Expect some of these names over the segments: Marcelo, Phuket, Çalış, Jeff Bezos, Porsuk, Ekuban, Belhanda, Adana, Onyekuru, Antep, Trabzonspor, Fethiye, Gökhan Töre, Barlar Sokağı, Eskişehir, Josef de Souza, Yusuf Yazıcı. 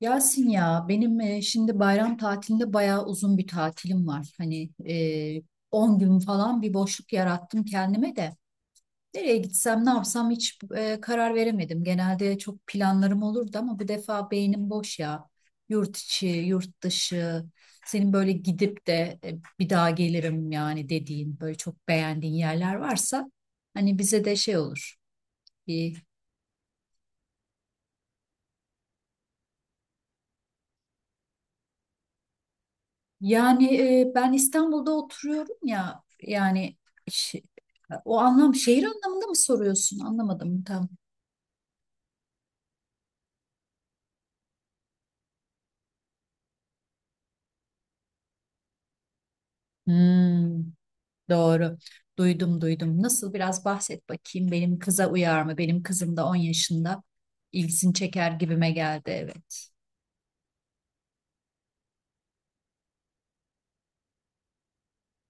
Yasin ya benim şimdi bayram tatilinde bayağı uzun bir tatilim var. 10 gün falan bir boşluk yarattım kendime de. Nereye gitsem ne yapsam karar veremedim. Genelde çok planlarım olurdu ama bu defa beynim boş ya. Yurt içi, yurt dışı, senin böyle gidip de bir daha gelirim yani dediğin böyle çok beğendiğin yerler varsa hani bize de şey olur. Ben İstanbul'da oturuyorum ya yani şi- o anlam şehir anlamında mı soruyorsun? Anlamadım tam. Hmm, doğru. Duydum duydum. Nasıl biraz bahset bakayım. Benim kıza uyar mı? Benim kızım da 10 yaşında. İlgisini çeker gibime geldi, evet.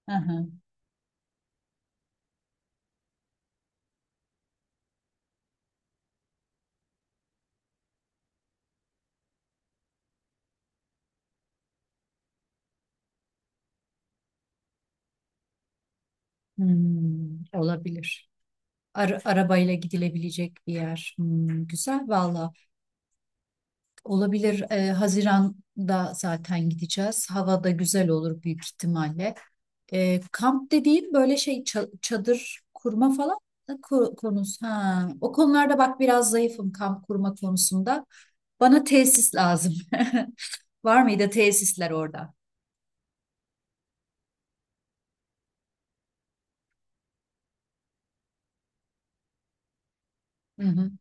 Hı hı. Hmm, olabilir. Arabayla gidilebilecek bir yer. Hmm, güzel valla. Olabilir. Haziran'da zaten gideceğiz. Hava da güzel olur büyük ihtimalle. Kamp dediğin böyle şey çadır kurma falan konusu. Ha, o konularda bak biraz zayıfım kamp kurma konusunda. Bana tesis lazım. Var mıydı tesisler orada? Hı hı.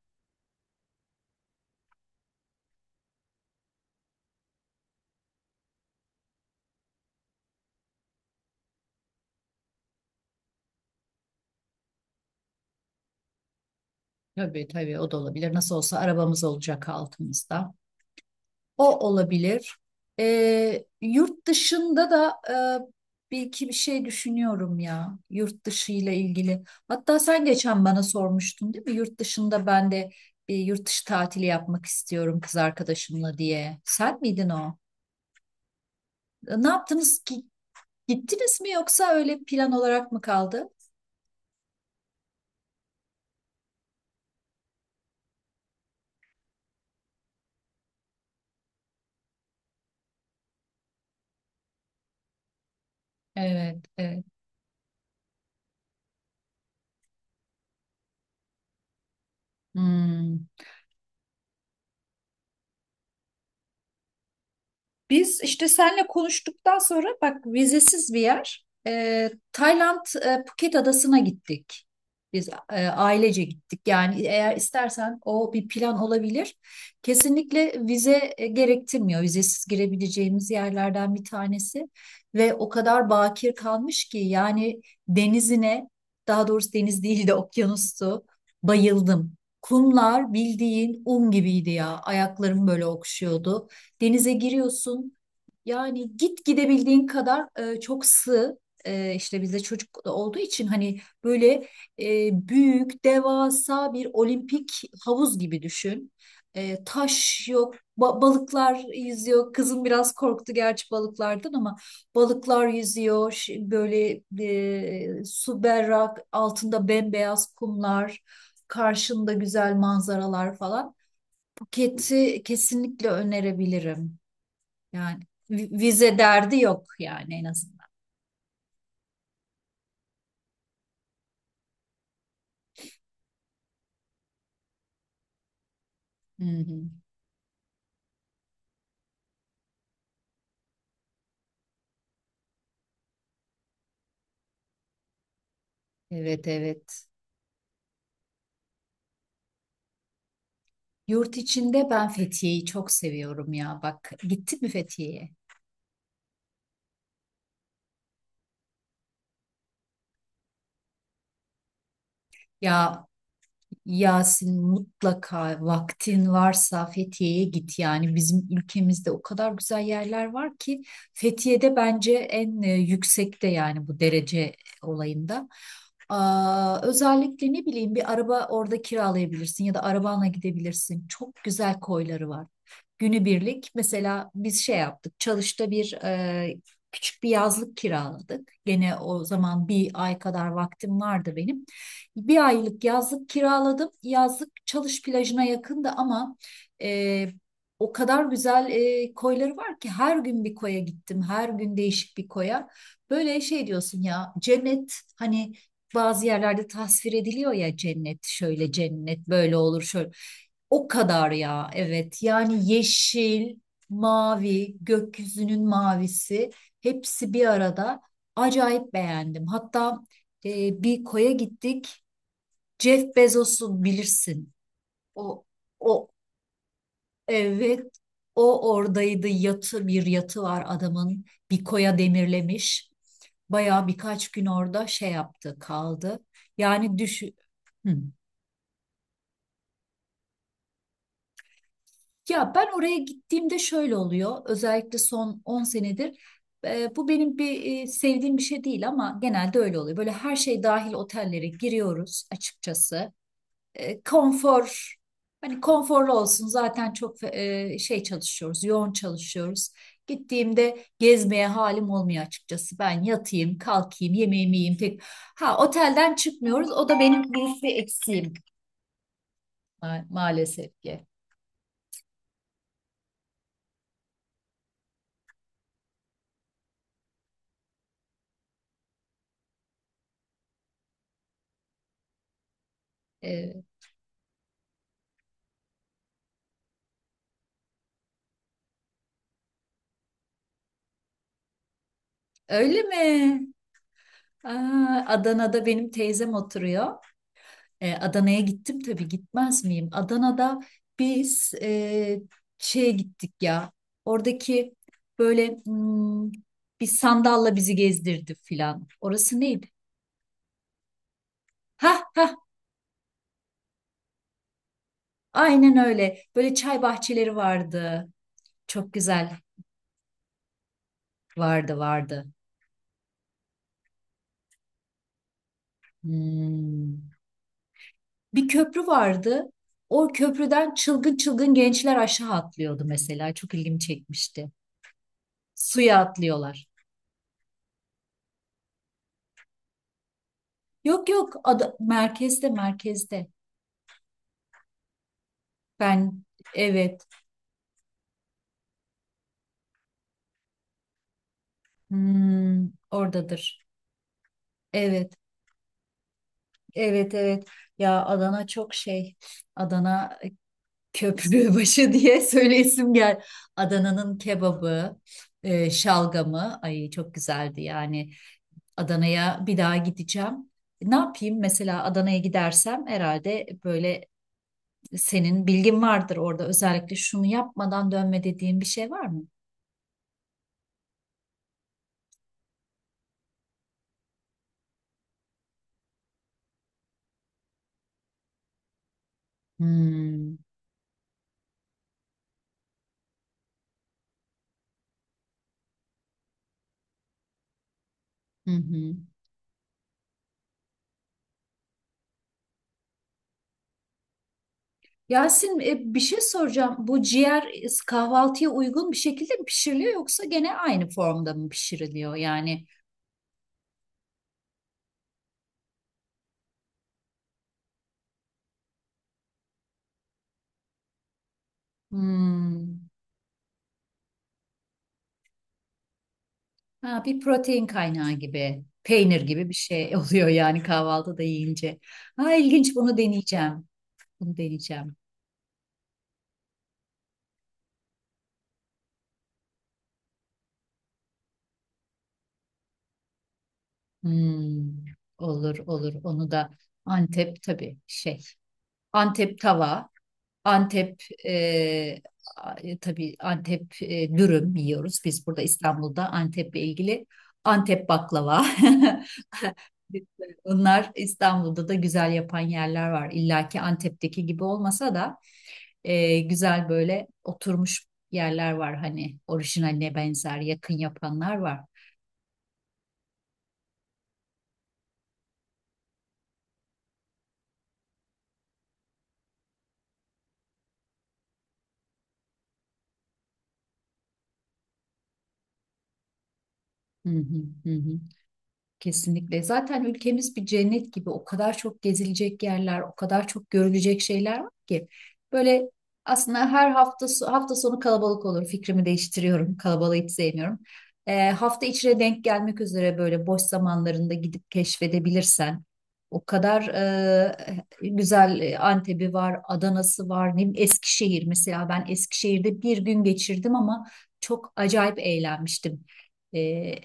Tabii tabii, o da olabilir. Nasıl olsa arabamız olacak altımızda. O olabilir. Yurt dışında da bir iki bir şey düşünüyorum ya. Yurt dışı ile ilgili. Hatta sen geçen bana sormuştun değil mi? Yurt dışında ben de bir yurt dışı tatili yapmak istiyorum kız arkadaşımla diye. Sen miydin o? Ne yaptınız ki? Gittiniz mi yoksa öyle plan olarak mı kaldı? Evet, evet. Hmm. Biz işte seninle konuştuktan sonra bak, vizesiz bir yer. Tayland, Phuket adasına gittik. Biz ailece gittik. Yani eğer istersen o bir plan olabilir. Kesinlikle vize gerektirmiyor. Vizesiz girebileceğimiz yerlerden bir tanesi. Ve o kadar bakir kalmış ki yani denizine, daha doğrusu deniz değil de okyanustu, bayıldım. Kumlar bildiğin un gibiydi ya. Ayaklarım böyle okşuyordu. Denize giriyorsun. Yani git gidebildiğin kadar, çok sığ. İşte bizde çocuk da olduğu için hani böyle, büyük, devasa bir olimpik havuz gibi düşün. Taş yok, balıklar yüzüyor. Kızım biraz korktu gerçi balıklardan ama balıklar yüzüyor. Böyle su berrak, altında bembeyaz kumlar, karşında güzel manzaralar falan. Phuket'i kesinlikle önerebilirim. Yani vize derdi yok yani en azından. Hı hı. Evet evet. Yurt içinde ben Fethiye'yi çok seviyorum ya. Bak, gitti mi Fethiye'ye? Ya Yasin, mutlaka vaktin varsa Fethiye'ye git. Yani bizim ülkemizde o kadar güzel yerler var ki. Fethiye'de bence en yüksekte, yani bu derece olayında. Aa, özellikle ne bileyim, bir araba orada kiralayabilirsin ya da arabanla gidebilirsin. Çok güzel koyları var. Günübirlik mesela biz şey yaptık. Çalış'ta küçük bir yazlık kiraladık. Gene o zaman bir ay kadar vaktim vardı benim. Bir aylık yazlık kiraladım. Yazlık Çalış plajına yakındı ama e, o kadar güzel koyları var ki her gün bir koya gittim. Her gün değişik bir koya. Böyle şey diyorsun ya, cennet, hani bazı yerlerde tasvir ediliyor ya, cennet şöyle cennet böyle olur şöyle. O kadar ya, evet, yani yeşil, mavi, gökyüzünün mavisi, hepsi bir arada, acayip beğendim. Hatta bir koya gittik, Jeff Bezos'u bilirsin, o, o, evet, o oradaydı. Yatı, bir yatı var adamın. Bir koya demirlemiş. Bayağı birkaç gün orada şey yaptı, kaldı. Yani düşün. Hı. Ya ben oraya gittiğimde şöyle oluyor. Özellikle son 10 senedir, bu benim bir sevdiğim bir şey değil ama genelde öyle oluyor. Böyle her şey dahil otellere giriyoruz açıkçası. Konfor hani konforlu olsun, zaten çok çalışıyoruz, yoğun çalışıyoruz. Gittiğimde gezmeye halim olmuyor açıkçası. Ben yatayım, kalkayım, yemeğimi yiyeyim. Pek... Ha, otelden çıkmıyoruz. O da benim büyük bir eksiğim maalesef ki. E, öyle mi? Aa, Adana'da benim teyzem oturuyor. E, Adana'ya gittim tabii, gitmez miyim? Adana'da biz şeye gittik ya. Oradaki böyle hmm, bir sandalla bizi gezdirdi filan. Orası neydi? Ha ha, aynen öyle. Böyle çay bahçeleri vardı. Çok güzel. Vardı vardı. Hmm. Bir köprü vardı. O köprüden çılgın çılgın gençler aşağı atlıyordu mesela. Çok ilgimi çekmişti. Suya atlıyorlar. Yok yok, ada merkezde, merkezde. Ben evet. Hmm, oradadır. Evet evet evet, ya Adana çok şey, Adana köprü başı diye söyleyesim gel. Adana'nın kebabı, şalgamı, ay çok güzeldi yani. Adana'ya bir daha gideceğim. Ne yapayım mesela Adana'ya gidersem herhalde böyle, senin bilgin vardır orada, özellikle şunu yapmadan dönme dediğin bir şey var mı? Hmm, hı hı. Yasin, bir şey soracağım. Bu ciğer kahvaltıya uygun bir şekilde mi pişiriliyor yoksa gene aynı formda mı pişiriliyor? Yani hmm, ha, bir protein kaynağı gibi, peynir gibi bir şey oluyor yani kahvaltıda yiyince. Ha ilginç, bunu deneyeceğim. Bunu deneyeceğim. Hmm, olur olur, onu da. Antep, tabii şey. Antep tava. Antep e, a- e, tabii Antep dürüm yiyoruz. Biz burada İstanbul'da Antep'le ilgili, Antep baklava. Bunlar İstanbul'da da güzel yapan yerler var. İlla ki Antep'teki gibi olmasa da güzel böyle oturmuş yerler var. Hani orijinaline benzer, yakın yapanlar var. Hı hı, hı hı. Kesinlikle. Zaten ülkemiz bir cennet gibi. O kadar çok gezilecek yerler, o kadar çok görülecek şeyler var ki. Böyle aslında her hafta hafta sonu kalabalık olur. Fikrimi değiştiriyorum. Kalabalığı hiç sevmiyorum. Hafta içine denk gelmek üzere böyle boş zamanlarında gidip keşfedebilirsen. O kadar güzel Antep'i var, Adana'sı var, ne bileyim, Eskişehir mesela. Ben Eskişehir'de bir gün geçirdim ama çok acayip eğlenmiştim. Ee,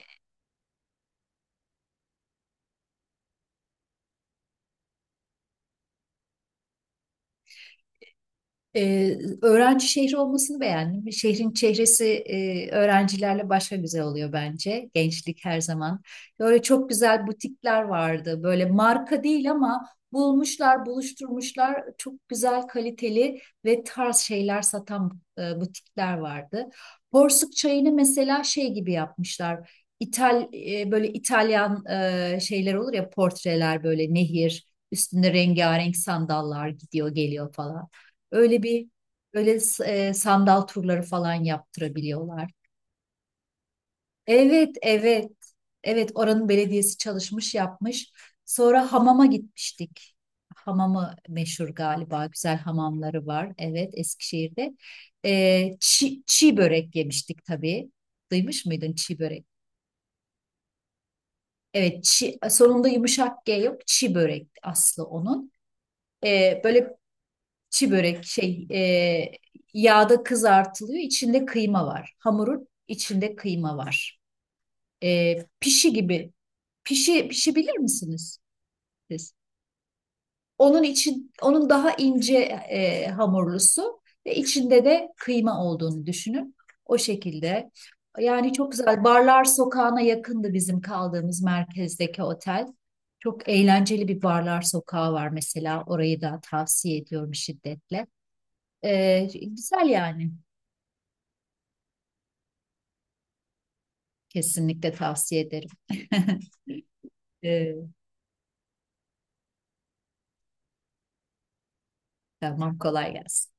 Öğrenci şehri olmasını beğendim. Şehrin çehresi öğrencilerle başka güzel oluyor bence. Gençlik her zaman. Böyle çok güzel butikler vardı. Böyle marka değil ama bulmuşlar, buluşturmuşlar. Çok güzel, kaliteli ve tarz şeyler satan butikler vardı. Porsuk çayını mesela şey gibi yapmışlar. Böyle İtalyan şeyler olur ya, portreler, böyle nehir üstünde rengarenk sandallar gidiyor geliyor falan. Öyle bir, öyle sandal turları falan yaptırabiliyorlar. Evet, evet. Evet, oranın belediyesi çalışmış, yapmış. Sonra hamama gitmiştik. Hamamı meşhur galiba. Güzel hamamları var. Evet, Eskişehir'de. Çiğ börek yemiştik tabii. Duymuş muydun çiğ börek? Evet, sonunda yumuşak G yok. Çiğ börek aslı onun. Böyle çi börek yağda kızartılıyor. İçinde kıyma var. Hamurun içinde kıyma var. E, pişi gibi. Pişi, pişi bilir misiniz siz? Onun için, onun daha ince hamurlusu ve içinde de kıyma olduğunu düşünün. O şekilde. Yani çok güzel. Barlar Sokağı'na yakındı bizim kaldığımız merkezdeki otel. Çok eğlenceli bir barlar sokağı var mesela. Orayı da tavsiye ediyorum şiddetle. Güzel yani. Kesinlikle tavsiye ederim. Ee, tamam, kolay gelsin.